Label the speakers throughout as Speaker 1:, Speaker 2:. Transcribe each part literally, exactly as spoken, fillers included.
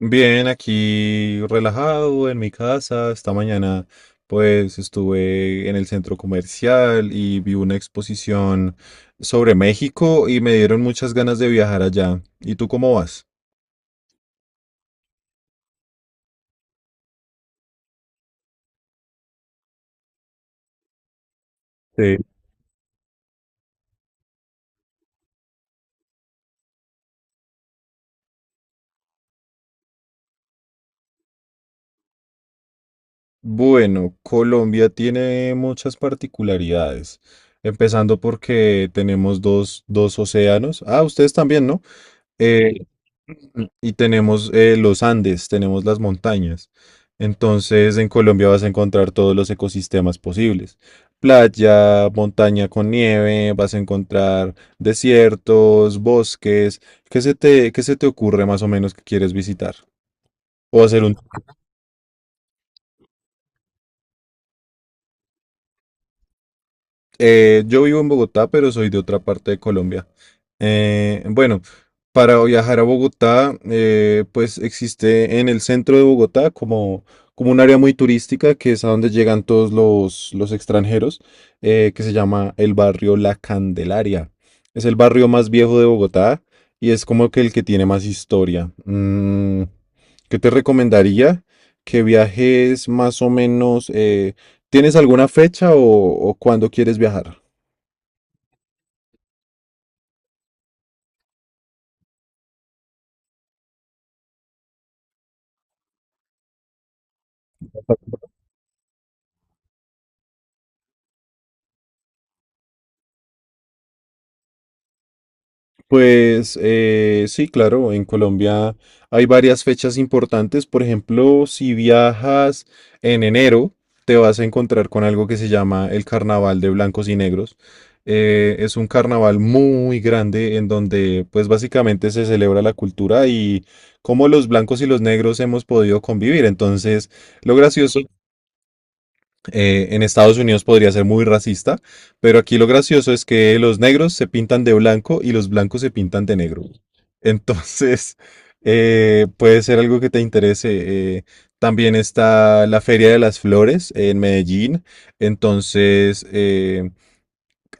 Speaker 1: Bien, aquí relajado en mi casa. Esta mañana pues estuve en el centro comercial y vi una exposición sobre México y me dieron muchas ganas de viajar allá. ¿Y tú cómo vas? Sí. Bueno, Colombia tiene muchas particularidades, empezando porque tenemos dos, dos océanos. Ah, ustedes también, ¿no? Eh, Mm, Y tenemos eh, los Andes, tenemos las montañas. Entonces, en Colombia vas a encontrar todos los ecosistemas posibles. Playa, montaña con nieve, vas a encontrar desiertos, bosques. ¿Qué se te, qué se te ocurre más o menos que quieres visitar? O hacer un Eh, yo vivo en Bogotá, pero soy de otra parte de Colombia. Eh, bueno, para viajar a Bogotá, eh, pues existe en el centro de Bogotá como, como un área muy turística que es a donde llegan todos los, los extranjeros, eh, que se llama el barrio La Candelaria. Es el barrio más viejo de Bogotá y es como que el que tiene más historia. Mm, ¿qué te recomendaría? Que viajes más o menos eh, ¿tienes alguna fecha o, o cuándo quieres viajar? Pues eh, sí, claro, en Colombia hay varias fechas importantes. Por ejemplo, si viajas en enero, te vas a encontrar con algo que se llama el Carnaval de Blancos y Negros. Eh, es un carnaval muy grande en donde pues básicamente se celebra la cultura y cómo los blancos y los negros hemos podido convivir. Entonces, lo gracioso eh, en Estados Unidos podría ser muy racista, pero aquí lo gracioso es que los negros se pintan de blanco y los blancos se pintan de negro. Entonces, eh, puede ser algo que te interese. Eh, también está la Feria de las Flores en Medellín. Entonces, eh,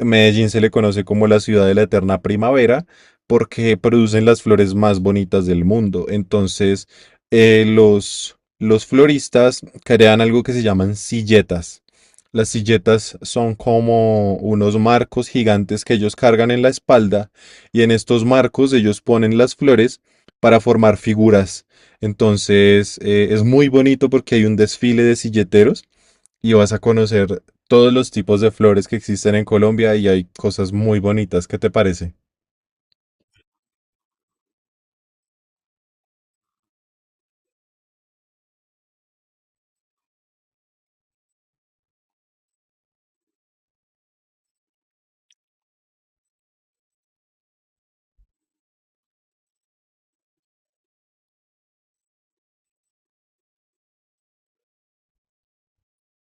Speaker 1: Medellín se le conoce como la ciudad de la eterna primavera porque producen las flores más bonitas del mundo. Entonces, eh, los, los floristas crean algo que se llaman silletas. Las silletas son como unos marcos gigantes que ellos cargan en la espalda y en estos marcos ellos ponen las flores para formar figuras. Entonces, eh, es muy bonito porque hay un desfile de silleteros y vas a conocer todos los tipos de flores que existen en Colombia y hay cosas muy bonitas. ¿Qué te parece?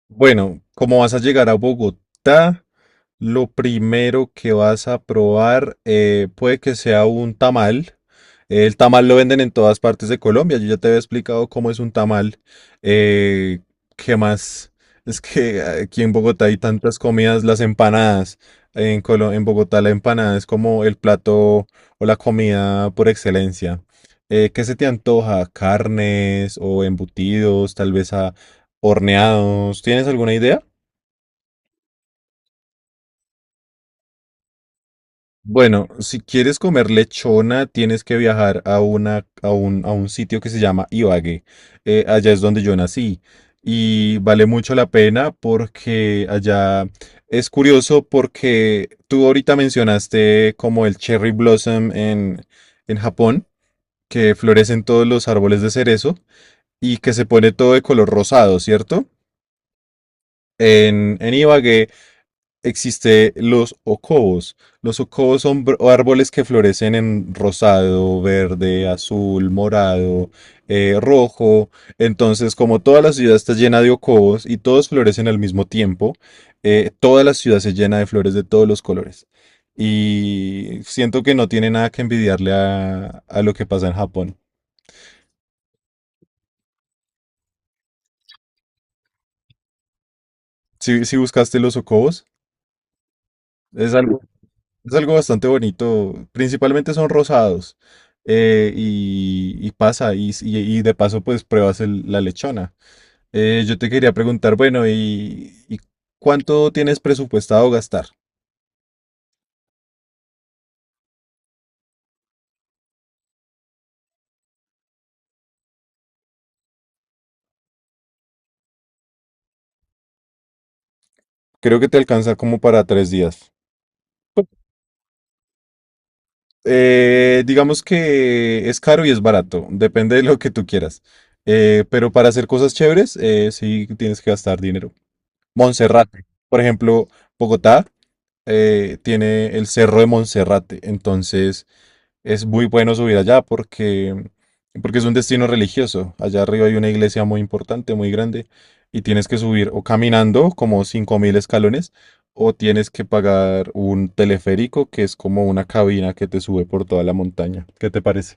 Speaker 1: Bueno, como vas a llegar a Bogotá, lo primero que vas a probar eh, puede que sea un tamal. El tamal lo venden en todas partes de Colombia. Yo ya te había explicado cómo es un tamal. Eh, ¿Qué más? Es que aquí en Bogotá hay tantas comidas, las empanadas. En Colo- en Bogotá la empanada es como el plato o la comida por excelencia. Eh, ¿qué se te antoja? ¿Carnes o embutidos, tal vez a horneados? ¿Tienes alguna idea? Bueno, si quieres comer lechona, tienes que viajar a una, a un, a un sitio que se llama Ibagué. Eh, allá es donde yo nací. Y vale mucho la pena porque allá es curioso porque tú ahorita mencionaste como el cherry blossom en, en Japón, que florecen todos los árboles de cerezo y que se pone todo de color rosado, ¿cierto? En, en Ibagué existe los ocobos. Los ocobos son br- árboles que florecen en rosado, verde, azul, morado, eh, rojo. Entonces, como toda la ciudad está llena de ocobos y todos florecen al mismo tiempo, eh, toda la ciudad se llena de flores de todos los colores. Y siento que no tiene nada que envidiarle a, a lo que pasa en Japón. Si, si buscaste los ocobos, es algo es algo bastante bonito. Principalmente son rosados. Eh, y, y pasa, y, y- y de paso, pues pruebas el- la lechona. Eh, yo te quería preguntar, bueno, y, y ¿cuánto tienes presupuestado gastar? Creo que te alcanza como para tres días. Eh, digamos que es caro y es barato, depende de lo que tú quieras. Eh, pero para hacer cosas chéveres, eh, sí tienes que gastar dinero. Monserrate, por ejemplo, Bogotá eh, tiene el Cerro de Monserrate. Entonces, es muy bueno subir allá porque, porque es un destino religioso. Allá arriba hay una iglesia muy importante, muy grande, y tienes que subir o caminando como cinco mil escalones o tienes que pagar un teleférico que es como una cabina que te sube por toda la montaña. ¿Qué te parece?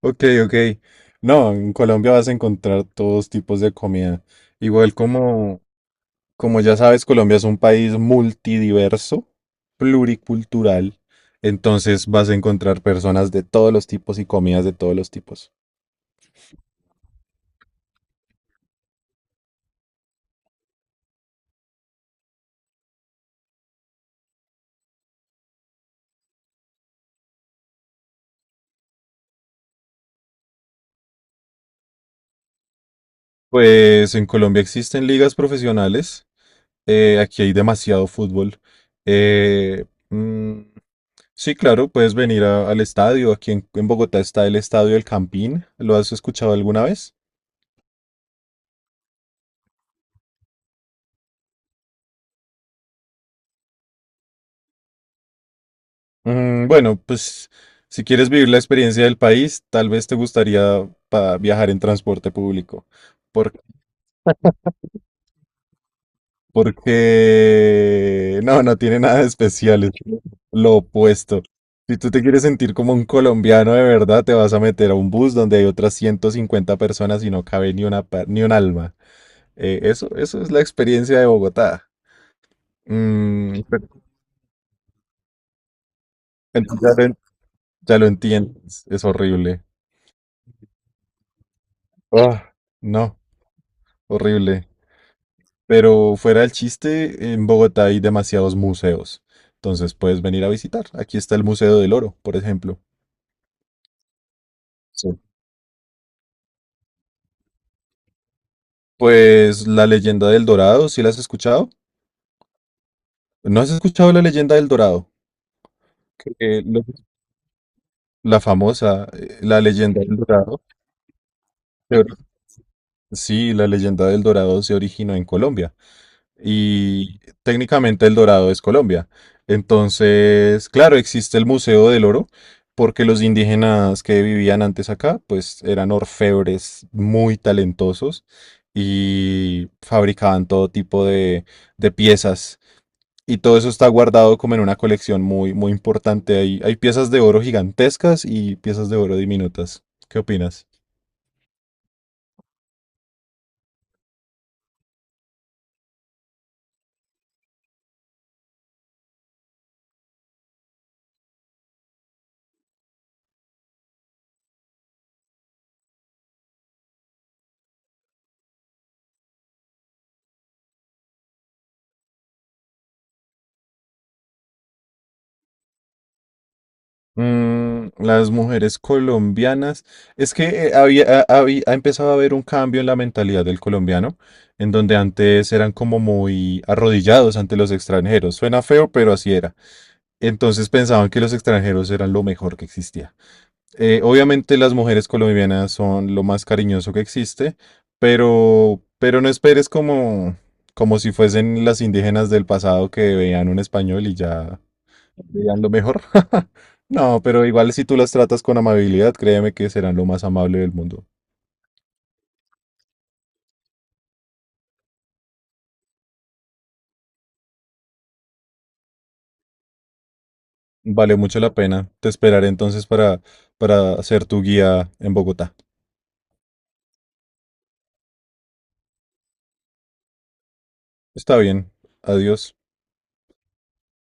Speaker 1: Ok, ok. No, en Colombia vas a encontrar todos tipos de comida. Igual como, como ya sabes, Colombia es un país multidiverso, pluricultural, entonces vas a encontrar personas de todos los tipos y comidas de todos los tipos. Pues en Colombia existen ligas profesionales, eh, aquí hay demasiado fútbol. eh, mm, sí, claro, puedes venir a- al estadio, aquí en, en Bogotá está el Estadio El Campín, ¿lo has escuchado alguna vez? Mm, bueno, pues si quieres vivir la experiencia del país, tal vez te gustaría pa- viajar en transporte público. Por- porque no, no tiene nada de especial, es lo opuesto. Si tú te quieres sentir como un colombiano de verdad, te vas a meter a un bus donde hay otras ciento cincuenta personas y no cabe ni una, pa- ni un alma. Eh, eso, eso es la experiencia de Bogotá. Mm, pero- entonces ya lo, en- ya lo entiendes, es horrible. Ah, no, horrible. Pero fuera el chiste, en Bogotá hay demasiados museos. Entonces puedes venir a visitar. Aquí está el Museo del Oro, por ejemplo. Sí. Pues la leyenda del Dorado, ¿sí la has escuchado? ¿No has escuchado la leyenda del Dorado? Que lo- la famosa, eh, la leyenda del Dorado. se ori- Sí, la leyenda del Dorado se originó en Colombia, y técnicamente El Dorado es Colombia. Entonces, claro, existe el Museo del Oro porque los indígenas que vivían antes acá, pues eran orfebres muy talentosos y fabricaban todo tipo de, de, piezas. Y todo eso está guardado como en una colección muy, muy importante. Hay, hay piezas de oro gigantescas y piezas de oro diminutas. ¿Qué opinas? Mm, las mujeres colombianas, es que eh, había, ha habí- ha empezado a haber un cambio en la mentalidad del colombiano, en donde antes eran como muy arrodillados ante los extranjeros. Suena feo, pero así era. Entonces pensaban que los extranjeros eran lo mejor que existía. Eh, obviamente las mujeres colombianas son lo más cariñoso que existe, pero, pero no esperes como, como si fuesen las indígenas del pasado que veían un español y ya dirían lo mejor. No, pero igual si tú las tratas con amabilidad, créeme que serán lo más amable del mundo. Vale mucho la pena. Te esperaré entonces para, para ser tu guía en Bogotá. Está bien. Adiós.